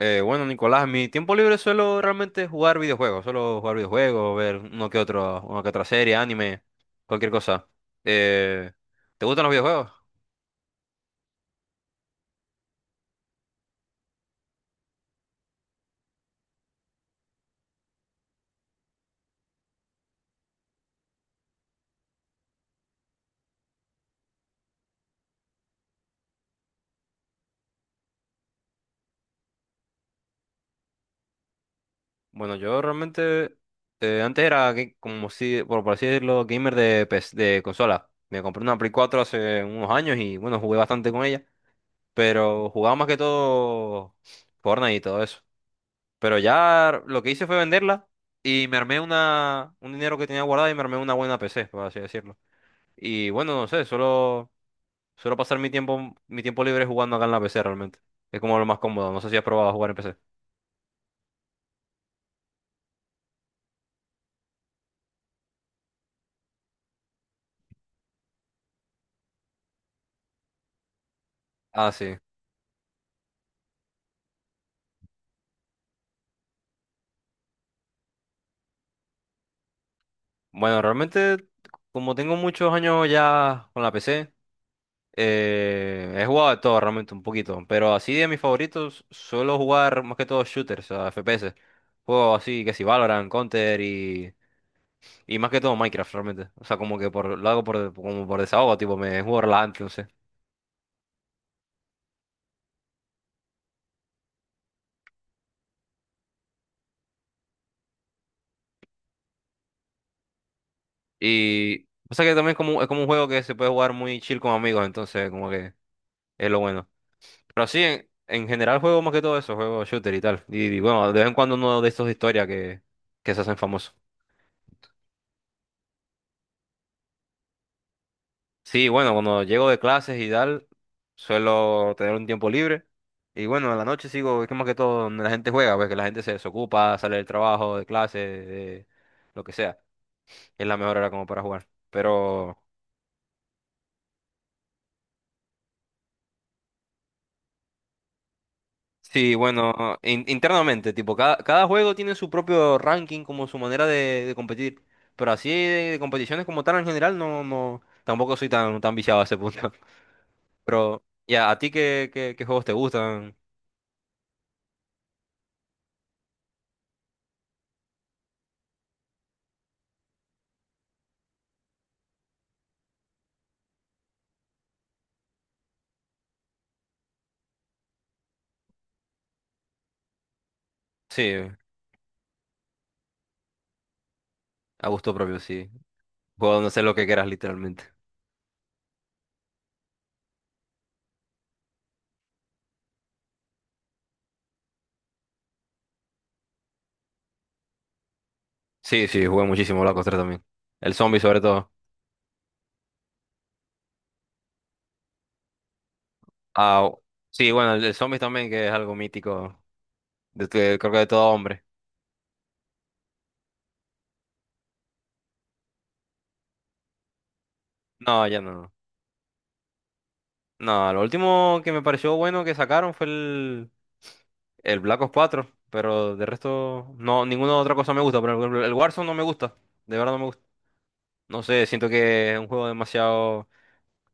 Bueno, Nicolás, en mi tiempo libre suelo realmente jugar videojuegos, suelo jugar videojuegos, ver uno que otro, una que otra serie, anime, cualquier cosa. Eh, ¿Te gustan los videojuegos? Bueno, yo realmente antes era como si, por así decirlo, gamer de, PS de consola. Me compré una Play 4 hace unos años y bueno, jugué bastante con ella, pero jugaba más que todo Fortnite y todo eso. Pero ya lo que hice fue venderla y me armé un dinero que tenía guardado y me armé una buena PC, por así decirlo. Y bueno, no sé, solo suelo pasar mi tiempo libre jugando acá en la PC realmente. Es como lo más cómodo. No sé si has probado jugar en PC. Ah, sí. Bueno, realmente, como tengo muchos años ya con la PC, he jugado de todo realmente un poquito. Pero así de mis favoritos, suelo jugar más que todo shooters, o sea, FPS. Juegos así que si Valorant, Counter y más que todo Minecraft realmente. O sea, como que por, lo hago por, como por desahogo, tipo, me juego relajante, no sé. Y pasa que también es como un juego que se puede jugar muy chill con amigos, entonces como que es lo bueno. Pero sí, en general juego más que todo eso, juego shooter y tal. Y bueno, de vez en cuando uno de estos de historia que se hacen famosos. Sí, bueno, cuando llego de clases y tal, suelo tener un tiempo libre. Y bueno, en la noche sigo, es que más que todo donde la gente juega, pues que la gente se desocupa, sale del trabajo, de clase, de lo que sea. Es la mejor hora como para jugar. Pero... Sí, bueno, internamente, tipo, cada juego tiene su propio ranking, como su manera de competir. Pero así de competiciones como tal en general, no, no, tampoco soy tan, tan viciado a ese punto. Pero, ya, ¿a ti qué, qué, qué juegos te gustan? Sí, a gusto propio, sí. Juego donde sé lo que quieras, literalmente. Sí, sí, jugué muchísimo Black Ops tres también. El zombie sobre todo. Ah, sí, bueno, el zombie también, que es algo mítico, de, creo que de todo hombre. No, ya no. No, lo último que me pareció bueno que sacaron fue el... El Black Ops 4, pero de resto, no, ninguna otra cosa me gusta. Por ejemplo, el Warzone no me gusta, de verdad no me gusta. No sé, siento que es un juego demasiado.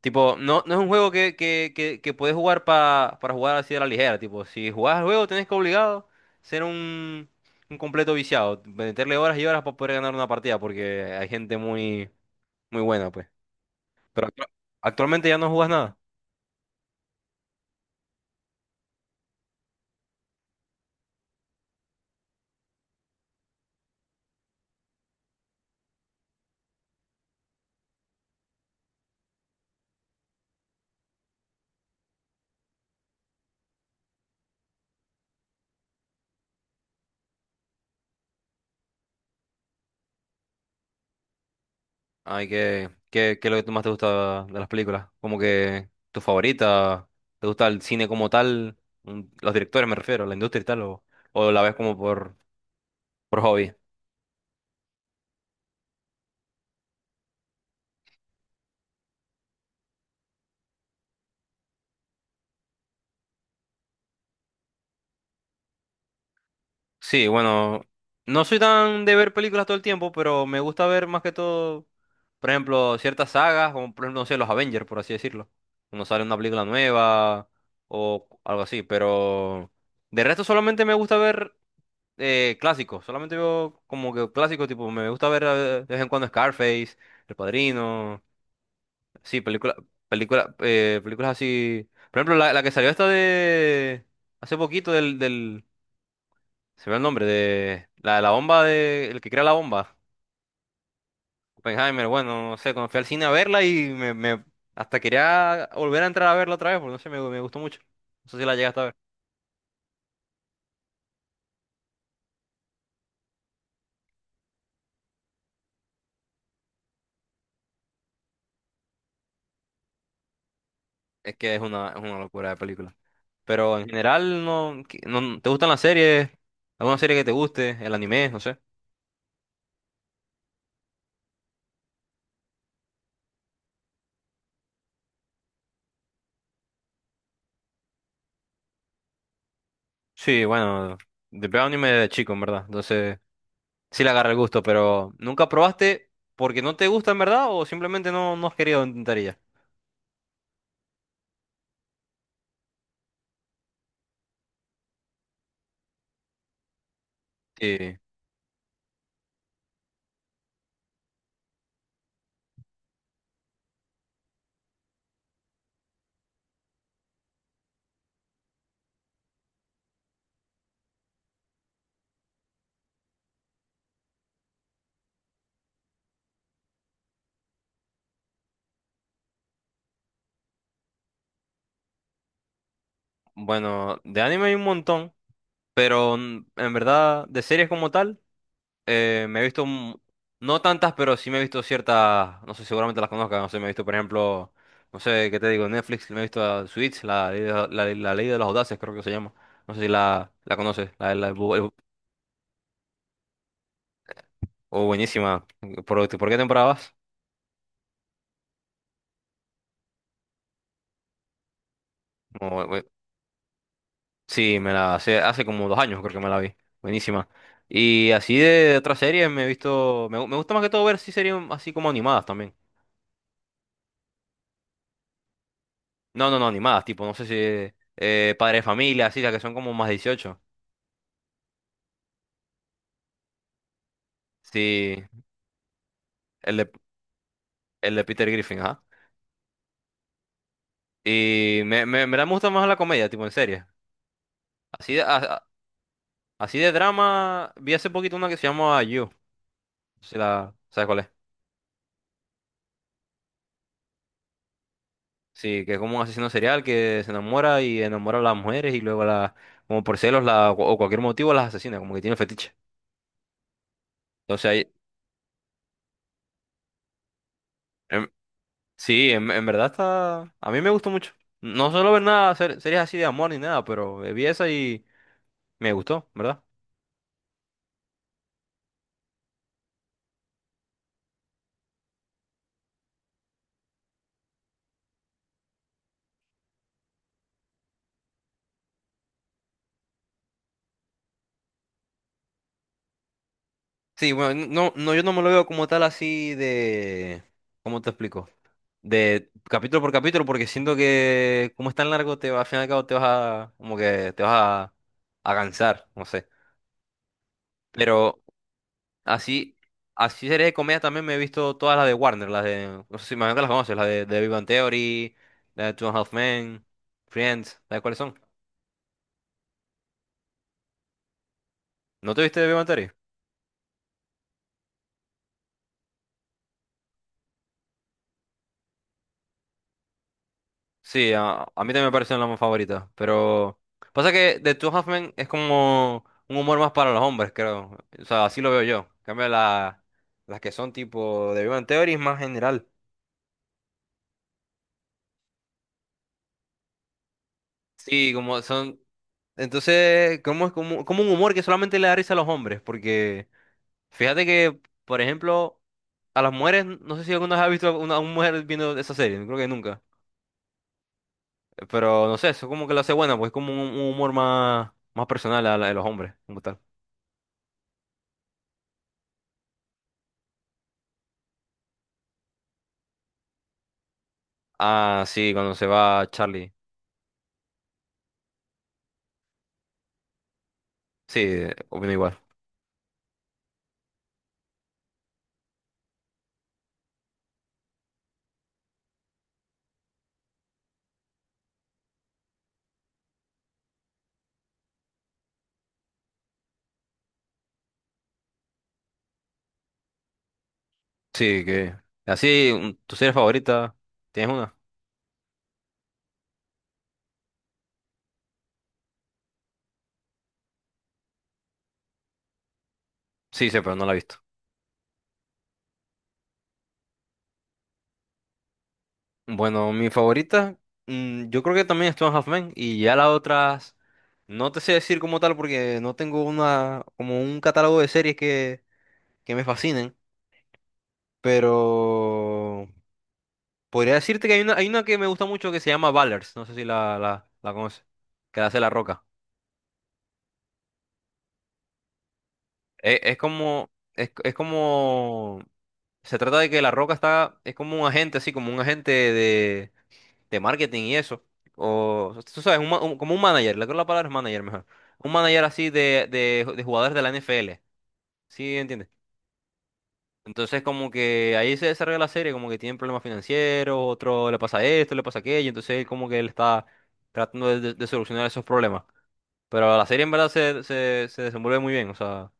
Tipo, no, no es un juego que puedes jugar para jugar así de la ligera. Tipo, si jugás al juego, tenés que obligado ser un completo viciado. Meterle horas y horas para poder ganar una partida, porque hay gente muy, muy buena, pues. Pero actualmente ya no jugás nada. Ay, ¿qué, qué, qué es lo que más te gusta de las películas? Como que tu favorita, ¿te gusta el cine como tal? Los directores me refiero, la industria y tal, o la ves como por hobby. Sí, bueno, no soy tan de ver películas todo el tiempo, pero me gusta ver más que todo, por ejemplo, ciertas sagas, como por ejemplo, no sé, los Avengers, por así decirlo. Cuando sale una película nueva o algo así, pero de resto solamente me gusta ver clásicos, solamente veo como que clásicos, tipo, me gusta ver de vez en cuando Scarface, El Padrino, sí, películas, películas así. Por ejemplo, la que salió esta de hace poquito del, se ve el nombre, de la bomba de, el que crea la bomba, Oppenheimer, bueno, no sé, cuando fui al cine a verla y me, hasta quería volver a entrar a verla otra vez, porque no sé, me gustó mucho. No sé si la llegaste a ver. Es que es una locura de película. Pero en general, no, ¿te gustan las series? ¿Alguna serie que te guste? ¿El anime? No sé. Sí, bueno, de veo anime de chico, en verdad. Entonces, sí le agarra el gusto, pero ¿nunca probaste porque no te gusta, en verdad? ¿O simplemente no, no has querido intentar y ya? Sí. Bueno, de anime hay un montón, pero en verdad, de series como tal. Eh, me he visto, no tantas, pero sí me he visto ciertas, no sé, seguramente las conozcas, no sé, me he visto, por ejemplo, no sé, ¿qué te digo? Netflix, me he visto a Suits, la, ley de la, ley de los audaces, creo que se llama. No sé si la, la conoces, la, oh, buenísima. ¿Por, este, por qué temporada vas? No, sí, me la hace como 2 años creo que me la vi, buenísima. Y así de otras series me he visto, me, me gusta más que todo ver sí series así como animadas también. No, no, no, animadas, tipo, no sé si Padre de Familia, así, las que son como más 18. Sí, El de, el de Peter Griffin, ajá. Y me gusta más la comedia, tipo, en serie. Así de, así de drama, vi hace poquito una que se llama You. Si la, ¿sabes cuál es? Sí, que es como un asesino serial que se enamora y enamora a las mujeres y luego la, como por celos la, o cualquier motivo las asesina, como que tiene fetiche. Entonces ahí, em, sí, en verdad está, a mí me gustó mucho. No suelo ver nada, series así de amor ni nada, pero vi esa y me gustó, ¿verdad? Sí, bueno, no, no, yo no me lo veo como tal así de... ¿Cómo te explico? De capítulo por capítulo, porque siento que como es tan largo, te, al final y al cabo te vas a... como que te vas a cansar, no sé. Pero así, así series de comedia también me he visto todas las de Warner, las de... No sé si imagino que las conoces, las de Big Bang Theory, la de Two and a Half Men, Friends, ¿sabes cuáles son? ¿No te viste de Big Bang Theory? Sí, a mí también me parecen las más favoritas, pero pasa que The Two Half Men es como un humor más para los hombres, creo. O sea, así lo veo yo. En cambio, las que son tipo de Big Bang Theory es más general. Sí, como son... Entonces, como es como, como un humor que solamente le da risa a los hombres, porque fíjate que, por ejemplo, a las mujeres, no sé si alguna vez has visto a una mujer viendo esa serie, creo que nunca. Pero no sé, eso como que lo hace buena, pues es como un humor más, más personal a la de los hombres, como tal. Ah, sí, cuando se va Charlie. Sí, opino igual. Sí, que... Así, ¿tu serie favorita? ¿Tienes una? Sí, sí, pero no la he visto. Bueno, mi favorita, yo creo que también es Two and a Half Men, y ya las otras, no te sé decir como tal porque no tengo una, como un catálogo de series que me fascinen, pero podría decirte que hay una que me gusta mucho que se llama Ballers, no sé si la, la, la conoces, que la hace La Roca. Es como se trata de que La Roca está, es como un agente, así como un agente de marketing y eso. O, tú sabes, como un manager, le creo la palabra es manager mejor. Un manager así de jugadores de la NFL. ¿Sí entiendes? Entonces, como que ahí se desarrolla la serie, como que tienen problemas financieros, otro le pasa esto, le pasa aquello, entonces él como que él está tratando de, de solucionar esos problemas. Pero la serie en verdad se, se, se desenvuelve muy bien, o sea,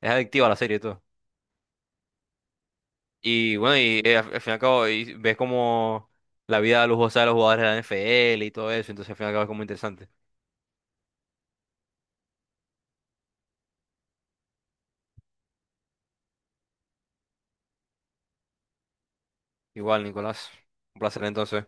es adictiva la serie y todo. Y bueno, y al al fin y al cabo y ves como la vida lujosa de los jugadores de la NFL y todo eso, entonces al fin y al cabo es como interesante. Igual, Nicolás, un placer entonces.